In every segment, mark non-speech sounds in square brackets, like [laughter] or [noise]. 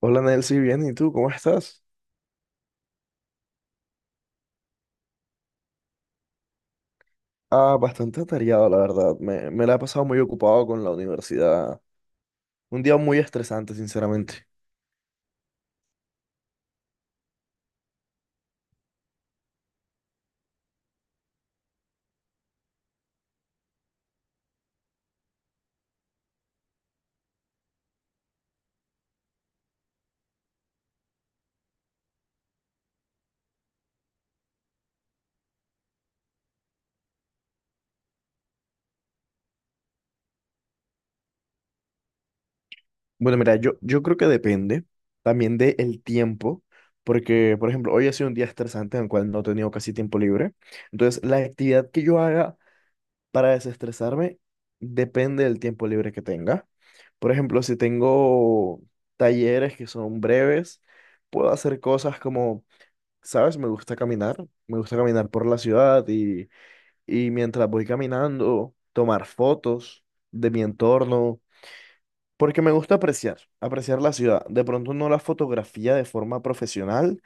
Hola Nelcy, bien, ¿y tú cómo estás? Ah, bastante atareado, la verdad. Me la he pasado muy ocupado con la universidad. Un día muy estresante, sinceramente. Bueno, mira, yo creo que depende también del tiempo, porque, por ejemplo, hoy ha sido un día estresante en el cual no he tenido casi tiempo libre. Entonces, la actividad que yo haga para desestresarme depende del tiempo libre que tenga. Por ejemplo, si tengo talleres que son breves, puedo hacer cosas como ¿sabes? Me gusta caminar por la ciudad y mientras voy caminando, tomar fotos de mi entorno, porque me gusta apreciar, apreciar la ciudad. De pronto no la fotografía de forma profesional,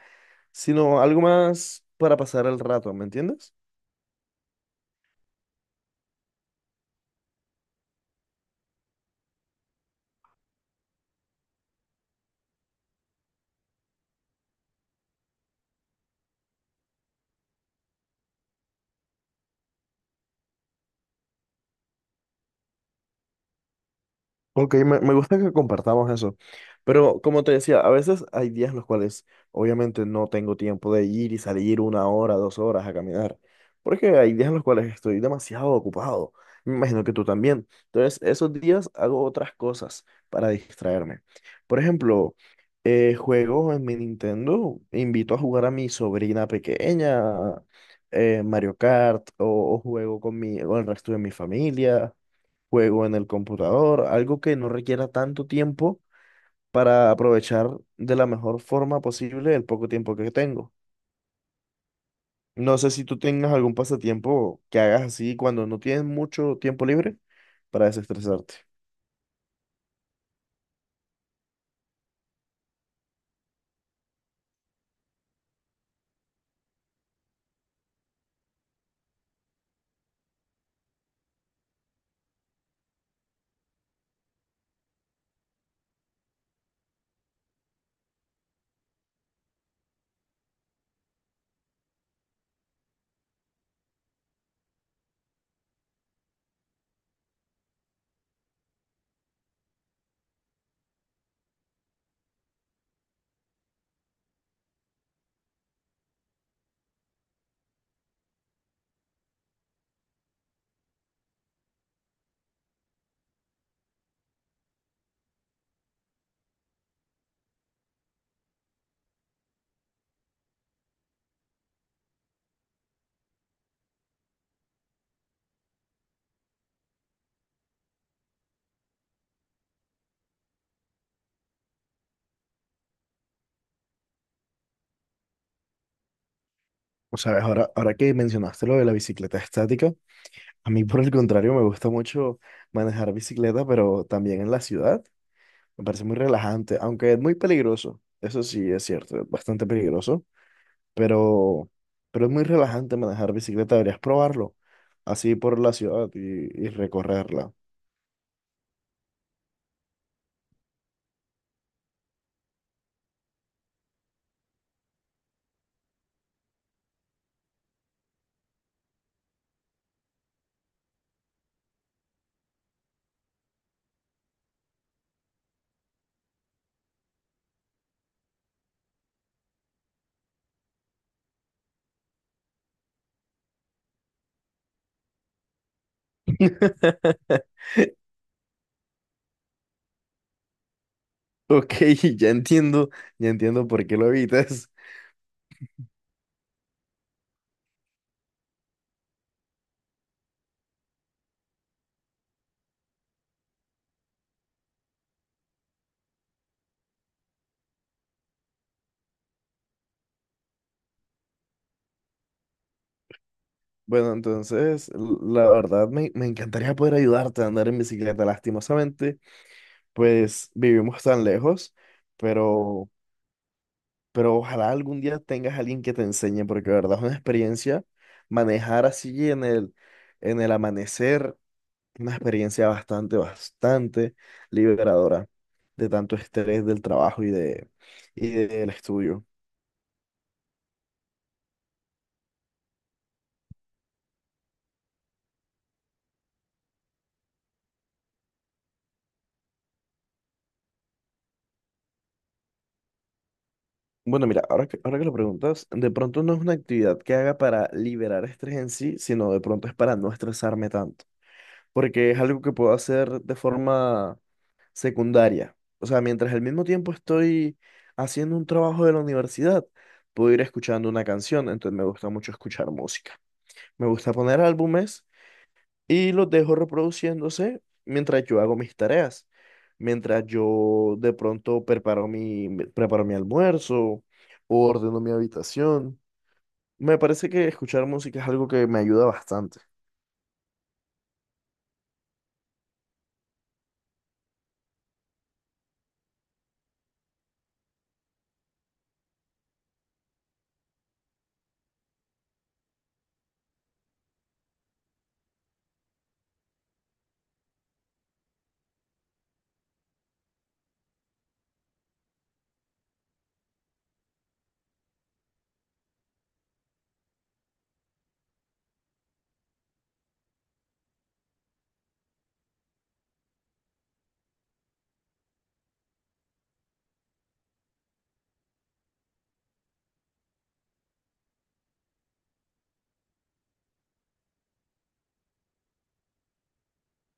sino algo más para pasar el rato, ¿me entiendes? Ok, me gusta que compartamos eso. Pero como te decía, a veces hay días en los cuales obviamente no tengo tiempo de ir y salir una hora, dos horas a caminar. Porque hay días en los cuales estoy demasiado ocupado. Me imagino que tú también. Entonces, esos días hago otras cosas para distraerme. Por ejemplo, juego en mi Nintendo, invito a jugar a mi sobrina pequeña, Mario Kart, o juego con mi, con el resto de mi familia, juego en el computador, algo que no requiera tanto tiempo para aprovechar de la mejor forma posible el poco tiempo que tengo. No sé si tú tengas algún pasatiempo que hagas así cuando no tienes mucho tiempo libre para desestresarte. O sabes, ahora que mencionaste lo de la bicicleta estática, a mí por el contrario me gusta mucho manejar bicicleta, pero también en la ciudad. Me parece muy relajante, aunque es muy peligroso. Eso sí es cierto, es bastante peligroso pero, pero es muy relajante manejar bicicleta, deberías probarlo, así por la ciudad y recorrerla. [laughs] Ok, ya entiendo, ya entiendo por qué lo evitas. [laughs] Bueno, entonces, la verdad me encantaría poder ayudarte a andar en bicicleta. Lastimosamente, pues vivimos tan lejos, pero, pero ojalá algún día tengas a alguien que te enseñe, porque de verdad es una experiencia manejar así en el amanecer. Una experiencia bastante, bastante liberadora de tanto estrés del trabajo y del estudio. Bueno, mira, ahora que lo preguntas, de pronto no es una actividad que haga para liberar estrés en sí, sino de pronto es para no estresarme tanto, porque es algo que puedo hacer de forma secundaria. O sea, mientras al mismo tiempo estoy haciendo un trabajo de la universidad, puedo ir escuchando una canción, entonces me gusta mucho escuchar música. Me gusta poner álbumes y los dejo reproduciéndose mientras yo hago mis tareas, mientras yo de pronto preparo mi almuerzo o ordeno mi habitación. Me parece que escuchar música es algo que me ayuda bastante.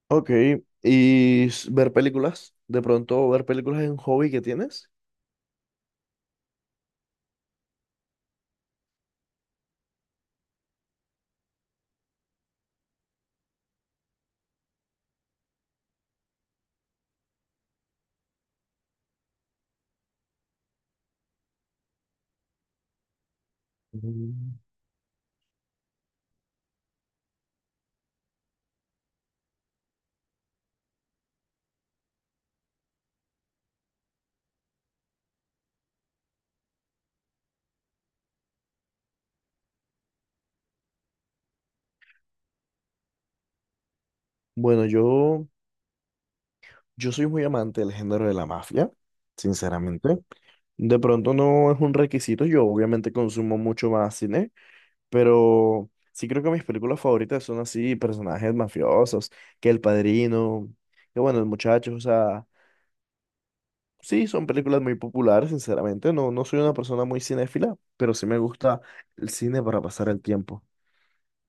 Ok, ¿y ver películas? ¿De pronto ver películas es un hobby que tienes? Mm. Bueno, yo soy muy amante del género de la mafia, sinceramente. De pronto no es un requisito, yo obviamente consumo mucho más cine. Pero sí creo que mis películas favoritas son así, personajes mafiosos, que El Padrino, que bueno, El Muchacho, o sea, sí, son películas muy populares, sinceramente. No, no soy una persona muy cinéfila, pero sí me gusta el cine para pasar el tiempo.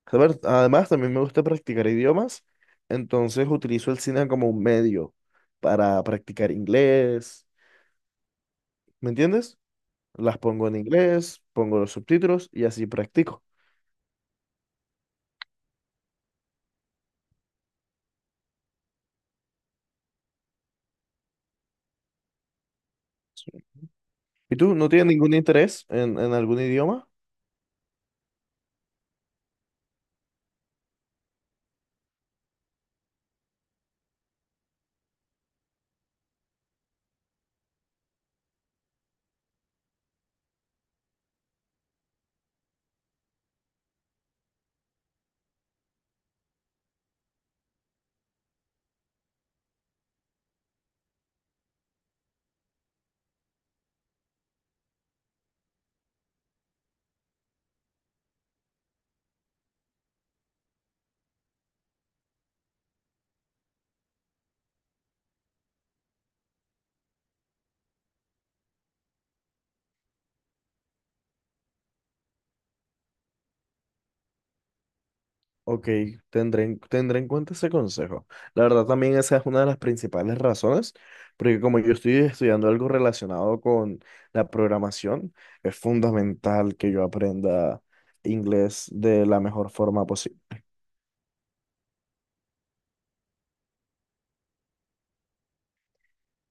A ver, además, también me gusta practicar idiomas, entonces utilizo el cine como un medio para practicar inglés, ¿me entiendes? Las pongo en inglés, pongo los subtítulos y así practico. Sí. ¿Y tú no tienes ningún interés en algún idioma? Ok, tendré en cuenta ese consejo. La verdad también esa es una de las principales razones, porque como yo estoy estudiando algo relacionado con la programación, es fundamental que yo aprenda inglés de la mejor forma posible.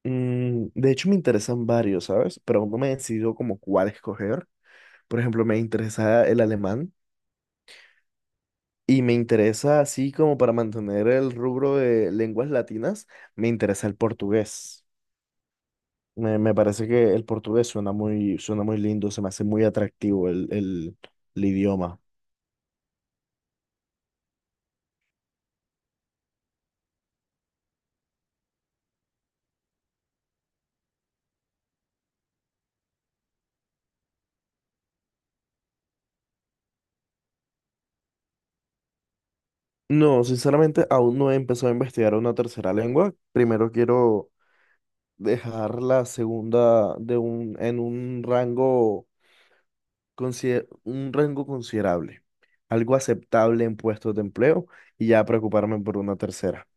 Mm, de hecho, me interesan varios, ¿sabes? Pero aún no me he decidido como cuál escoger. Por ejemplo, me interesa el alemán y me interesa, así como para mantener el rubro de lenguas latinas, me interesa el portugués. Me parece que el portugués suena muy lindo, se me hace muy atractivo el idioma. No, sinceramente aún no he empezado a investigar una tercera lengua. Primero quiero dejar la segunda en un rango, un rango considerable, algo aceptable en puestos de empleo y ya preocuparme por una tercera.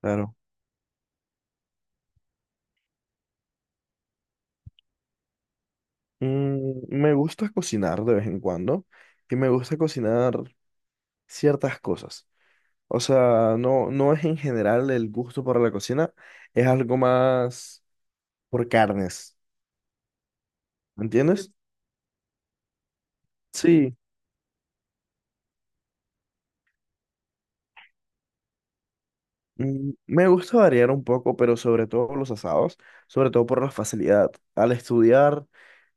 Claro. Mm, me gusta cocinar de vez en cuando y me gusta cocinar ciertas cosas. O sea, no, no es en general el gusto por la cocina, es algo más por carnes, ¿me entiendes? Sí, mm, me gusta variar un poco, pero sobre todo los asados, sobre todo por la facilidad. Al estudiar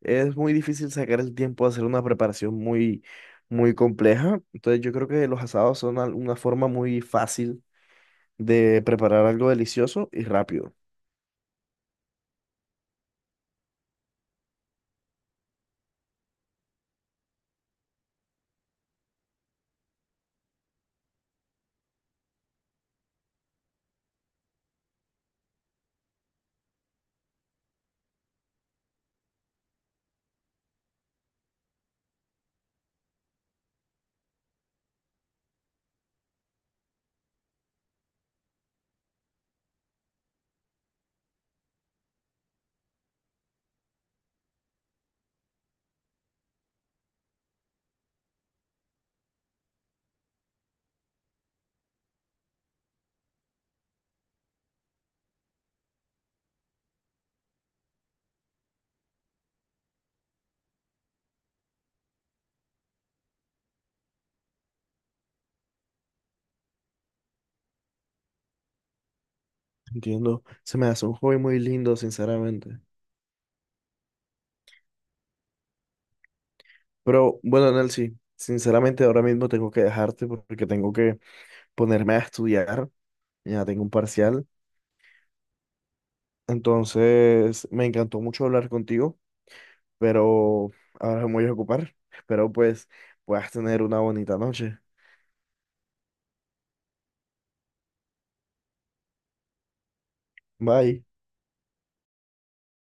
es muy difícil sacar el tiempo de hacer una preparación muy, muy compleja, entonces yo creo que los asados una forma muy fácil de preparar algo delicioso y rápido. Entiendo, se me hace un hobby muy lindo, sinceramente. Pero bueno, Nelcy, sinceramente ahora mismo tengo que dejarte porque tengo que ponerme a estudiar. Ya tengo un parcial. Entonces, me encantó mucho hablar contigo, pero ahora me voy a ocupar. Espero pues puedas tener una bonita noche. Bye.